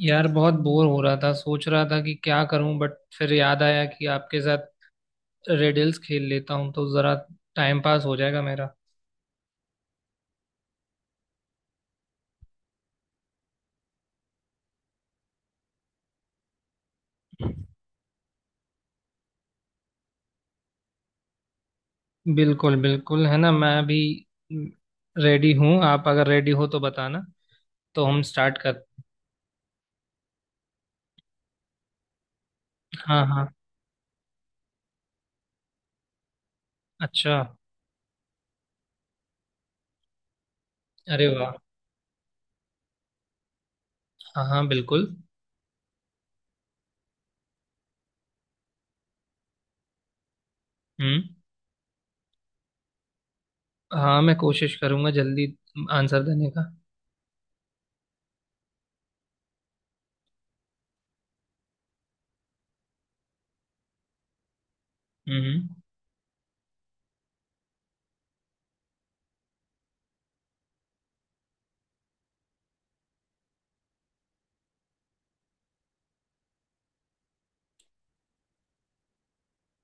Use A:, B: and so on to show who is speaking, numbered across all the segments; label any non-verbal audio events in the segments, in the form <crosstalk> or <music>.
A: यार बहुत बोर हो रहा था। सोच रहा था कि क्या करूं, बट फिर याद आया कि आपके साथ रेडल्स खेल लेता हूं तो जरा टाइम पास हो जाएगा मेरा। बिल्कुल बिल्कुल, है ना। मैं भी रेडी हूँ, आप अगर रेडी हो तो बताना तो हम स्टार्ट कर। हाँ हाँ। अच्छा। अरे वाह, हाँ हाँ बिल्कुल। हम्म। हाँ मैं कोशिश करूंगा जल्दी आंसर देने का। हम्म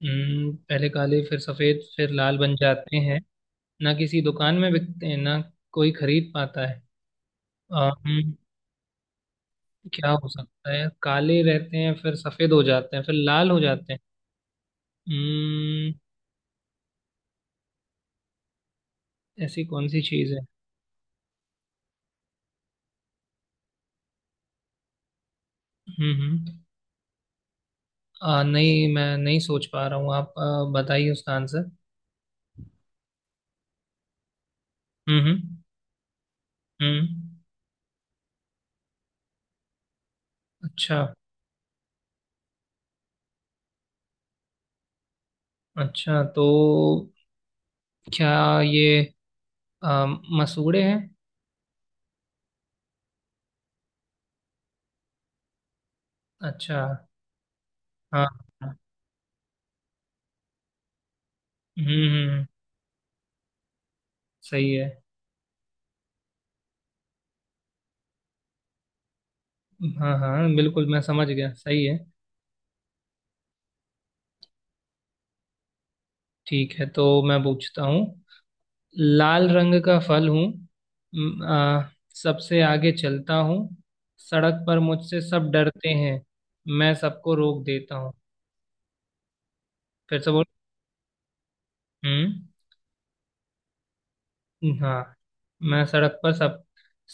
A: हम्म। पहले काले, फिर सफेद, फिर लाल बन जाते हैं। ना किसी दुकान में बिकते हैं, ना कोई खरीद पाता है। अम, क्या हो सकता है। काले रहते हैं फिर सफेद हो जाते हैं फिर लाल हो जाते हैं। हम्म। ऐसी कौन सी चीज है। हम्म। नहीं मैं नहीं सोच पा रहा हूँ। आप बताइए उसका आंसर। हम्म। हम्म। अच्छा। अच्छा तो क्या ये आ, मसूड़े हैं। अच्छा। हाँ, हाँ। हम्म। सही है। हाँ हाँ बिल्कुल, मैं समझ गया, सही है। ठीक है तो मैं पूछता हूँ। लाल रंग का फल हूँ, म- आ, सबसे आगे चलता हूँ। सड़क पर मुझसे सब डरते हैं, मैं सबको रोक देता हूँ। फिर से बोल। हम्म। हाँ, मैं सड़क पर सब।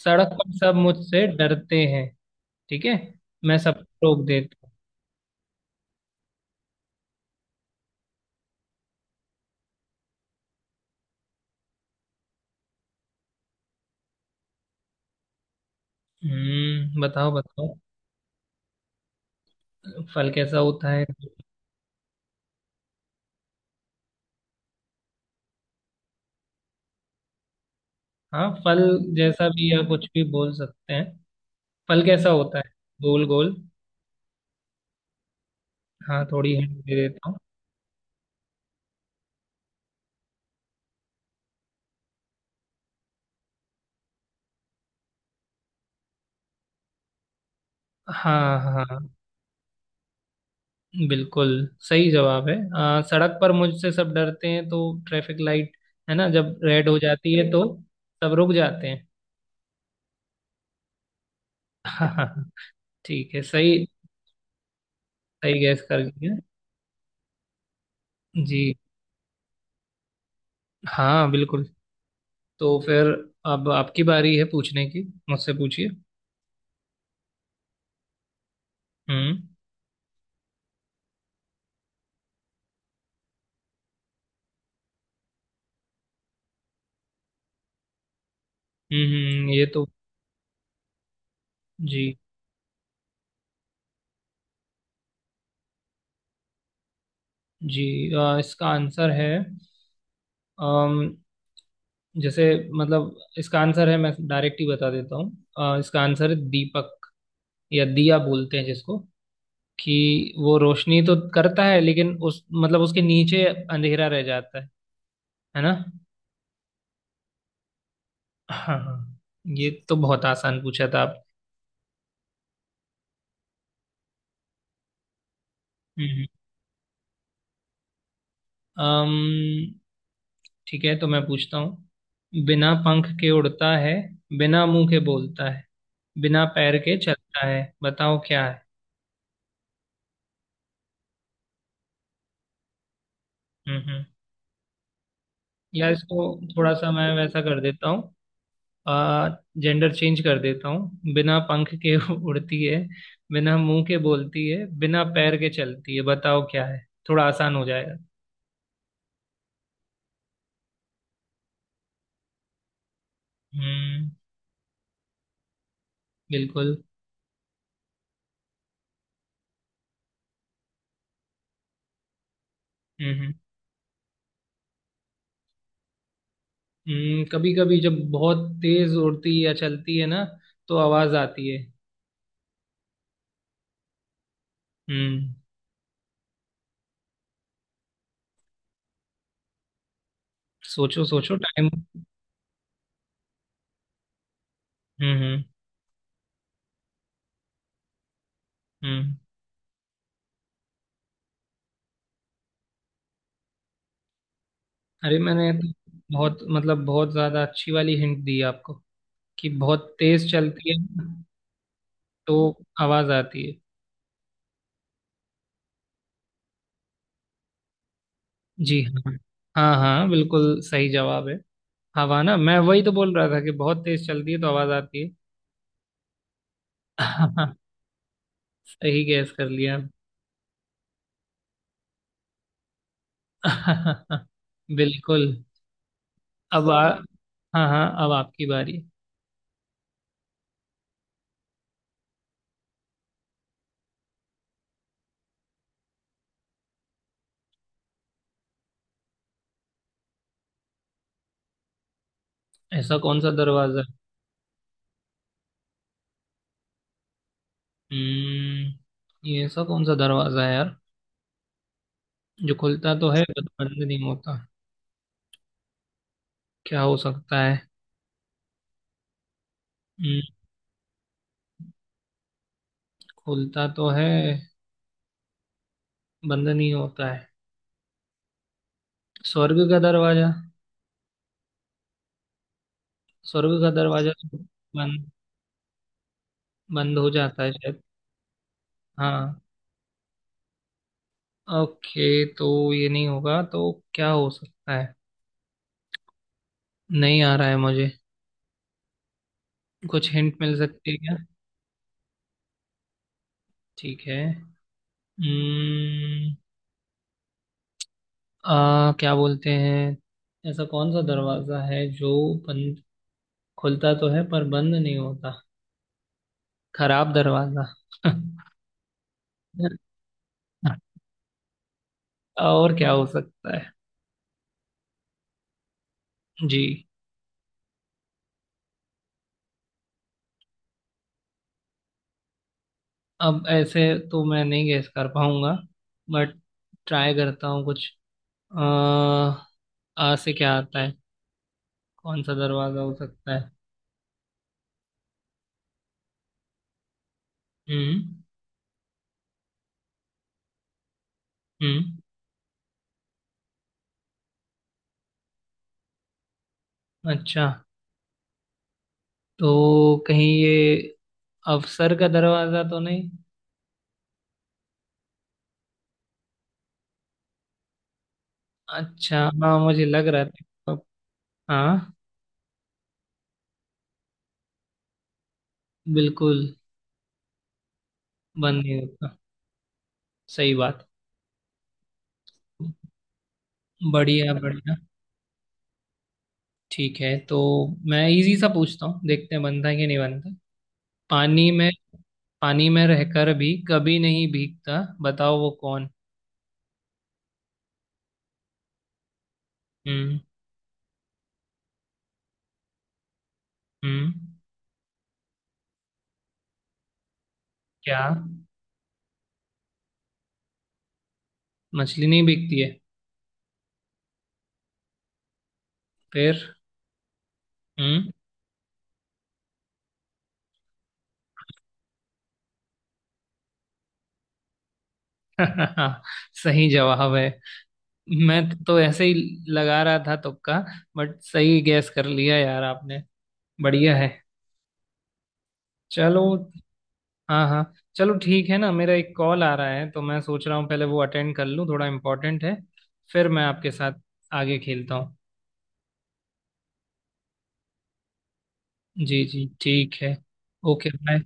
A: सड़क पर सब मुझसे डरते हैं, ठीक है। मैं सबको रोक देता हूँ। हम्म। बताओ बताओ। फल कैसा होता है। हाँ फल जैसा भी, या कुछ भी बोल सकते हैं। फल कैसा होता है। गोल गोल। हाँ थोड़ी हिंट दे देता हूँ। हाँ हाँ हाँ। बिल्कुल सही जवाब है। सड़क पर मुझसे सब डरते हैं तो ट्रैफिक लाइट, है ना। जब रेड हो जाती है तो सब रुक जाते हैं। <laughs> ठीक है, सही। सही गैस कर लिया। जी, हाँ बिल्कुल। तो फिर अब आपकी बारी है पूछने की, मुझसे पूछिए। हम्म। हम्म। ये तो। जी। जी। इसका आंसर है। अम, जैसे, मतलब इसका आंसर है, मैं डायरेक्ट ही बता देता हूँ। इसका आंसर है दीपक, या दिया बोलते हैं जिसको, कि वो रोशनी तो करता है लेकिन उस मतलब उसके नीचे अंधेरा रह जाता है ना। हाँ हाँ। ये तो बहुत आसान पूछा था आप। हम्म। अम्म ठीक है तो मैं पूछता हूँ। बिना पंख के उड़ता है, बिना मुंह के बोलता है, बिना पैर के चलता है, बताओ क्या है। हम्म, हम्म। या इसको थोड़ा सा मैं वैसा कर देता हूँ। आ, जेंडर चेंज कर देता हूँ। बिना पंख के <laughs> उड़ती है, बिना मुंह के बोलती है, बिना पैर के चलती है, बताओ क्या है। थोड़ा आसान हो जाएगा। हम्म। बिल्कुल। हम्म हम्म। कभी कभी जब बहुत तेज उड़ती या चलती है ना, तो आवाज आती है। हम्म। सोचो सोचो टाइम। हम्म। हम्म। अरे मैंने तो बहुत, मतलब बहुत ज्यादा अच्छी वाली हिंट दी आपको, कि बहुत तेज चलती है तो आवाज आती है। जी हाँ। हाँ हाँ बिल्कुल सही जवाब है। हवा ना, मैं वही तो बोल रहा था कि बहुत तेज चलती है तो आवाज आती है। <laughs> सही गैस कर लिया। <laughs> बिल्कुल। अब आ, हाँ हाँ अब आपकी बारी। ऐसा कौन सा दरवाजा। हम्म, ये ऐसा कौन सा दरवाजा है यार, जो खुलता तो है बट बंद नहीं होता। क्या हो सकता है। हम्म, खुलता तो है, बंद नहीं होता है। स्वर्ग का दरवाजा। स्वर्ग का दरवाजा तो बंद, बंद हो जाता है शायद। हाँ। ओके तो ये नहीं होगा तो क्या हो सकता है। नहीं आ रहा है मुझे, कुछ हिंट मिल सकती है क्या। ठीक है। हम्म। आ क्या बोलते हैं। ऐसा कौन सा दरवाजा है जो बंद, खुलता तो है पर बंद नहीं होता। खराब दरवाजा। <laughs> और क्या हो सकता है। जी। अब ऐसे तो मैं नहीं गेस कर पाऊंगा, बट ट्राई करता हूँ कुछ। आ, आ से क्या आता है, कौन सा दरवाजा हो सकता है। हम्म। हम्म। अच्छा तो कहीं ये अफसर का दरवाजा तो नहीं। अच्छा हाँ मुझे लग रहा था। हाँ बिल्कुल। बंद नहीं होता। सही बात। बढ़िया बढ़िया। ठीक है तो मैं इजी सा पूछता हूँ, देखते हैं बनता है कि नहीं बनता। पानी में, पानी में रहकर भी कभी नहीं भीगता, बताओ वो कौन। हम्म। हम्म। क्या, मछली नहीं भीगती है। फिर। हम्म। <laughs> सही जवाब है। मैं तो ऐसे ही लगा रहा था तुक्का, बट सही गैस कर लिया यार आपने। बढ़िया है। चलो। हाँ हाँ। चलो ठीक है ना, मेरा एक कॉल आ रहा है तो मैं सोच रहा हूँ पहले वो अटेंड कर लूँ, थोड़ा इम्पोर्टेंट है। फिर मैं आपके साथ आगे खेलता हूँ। जी जी ठीक है। Okay bye.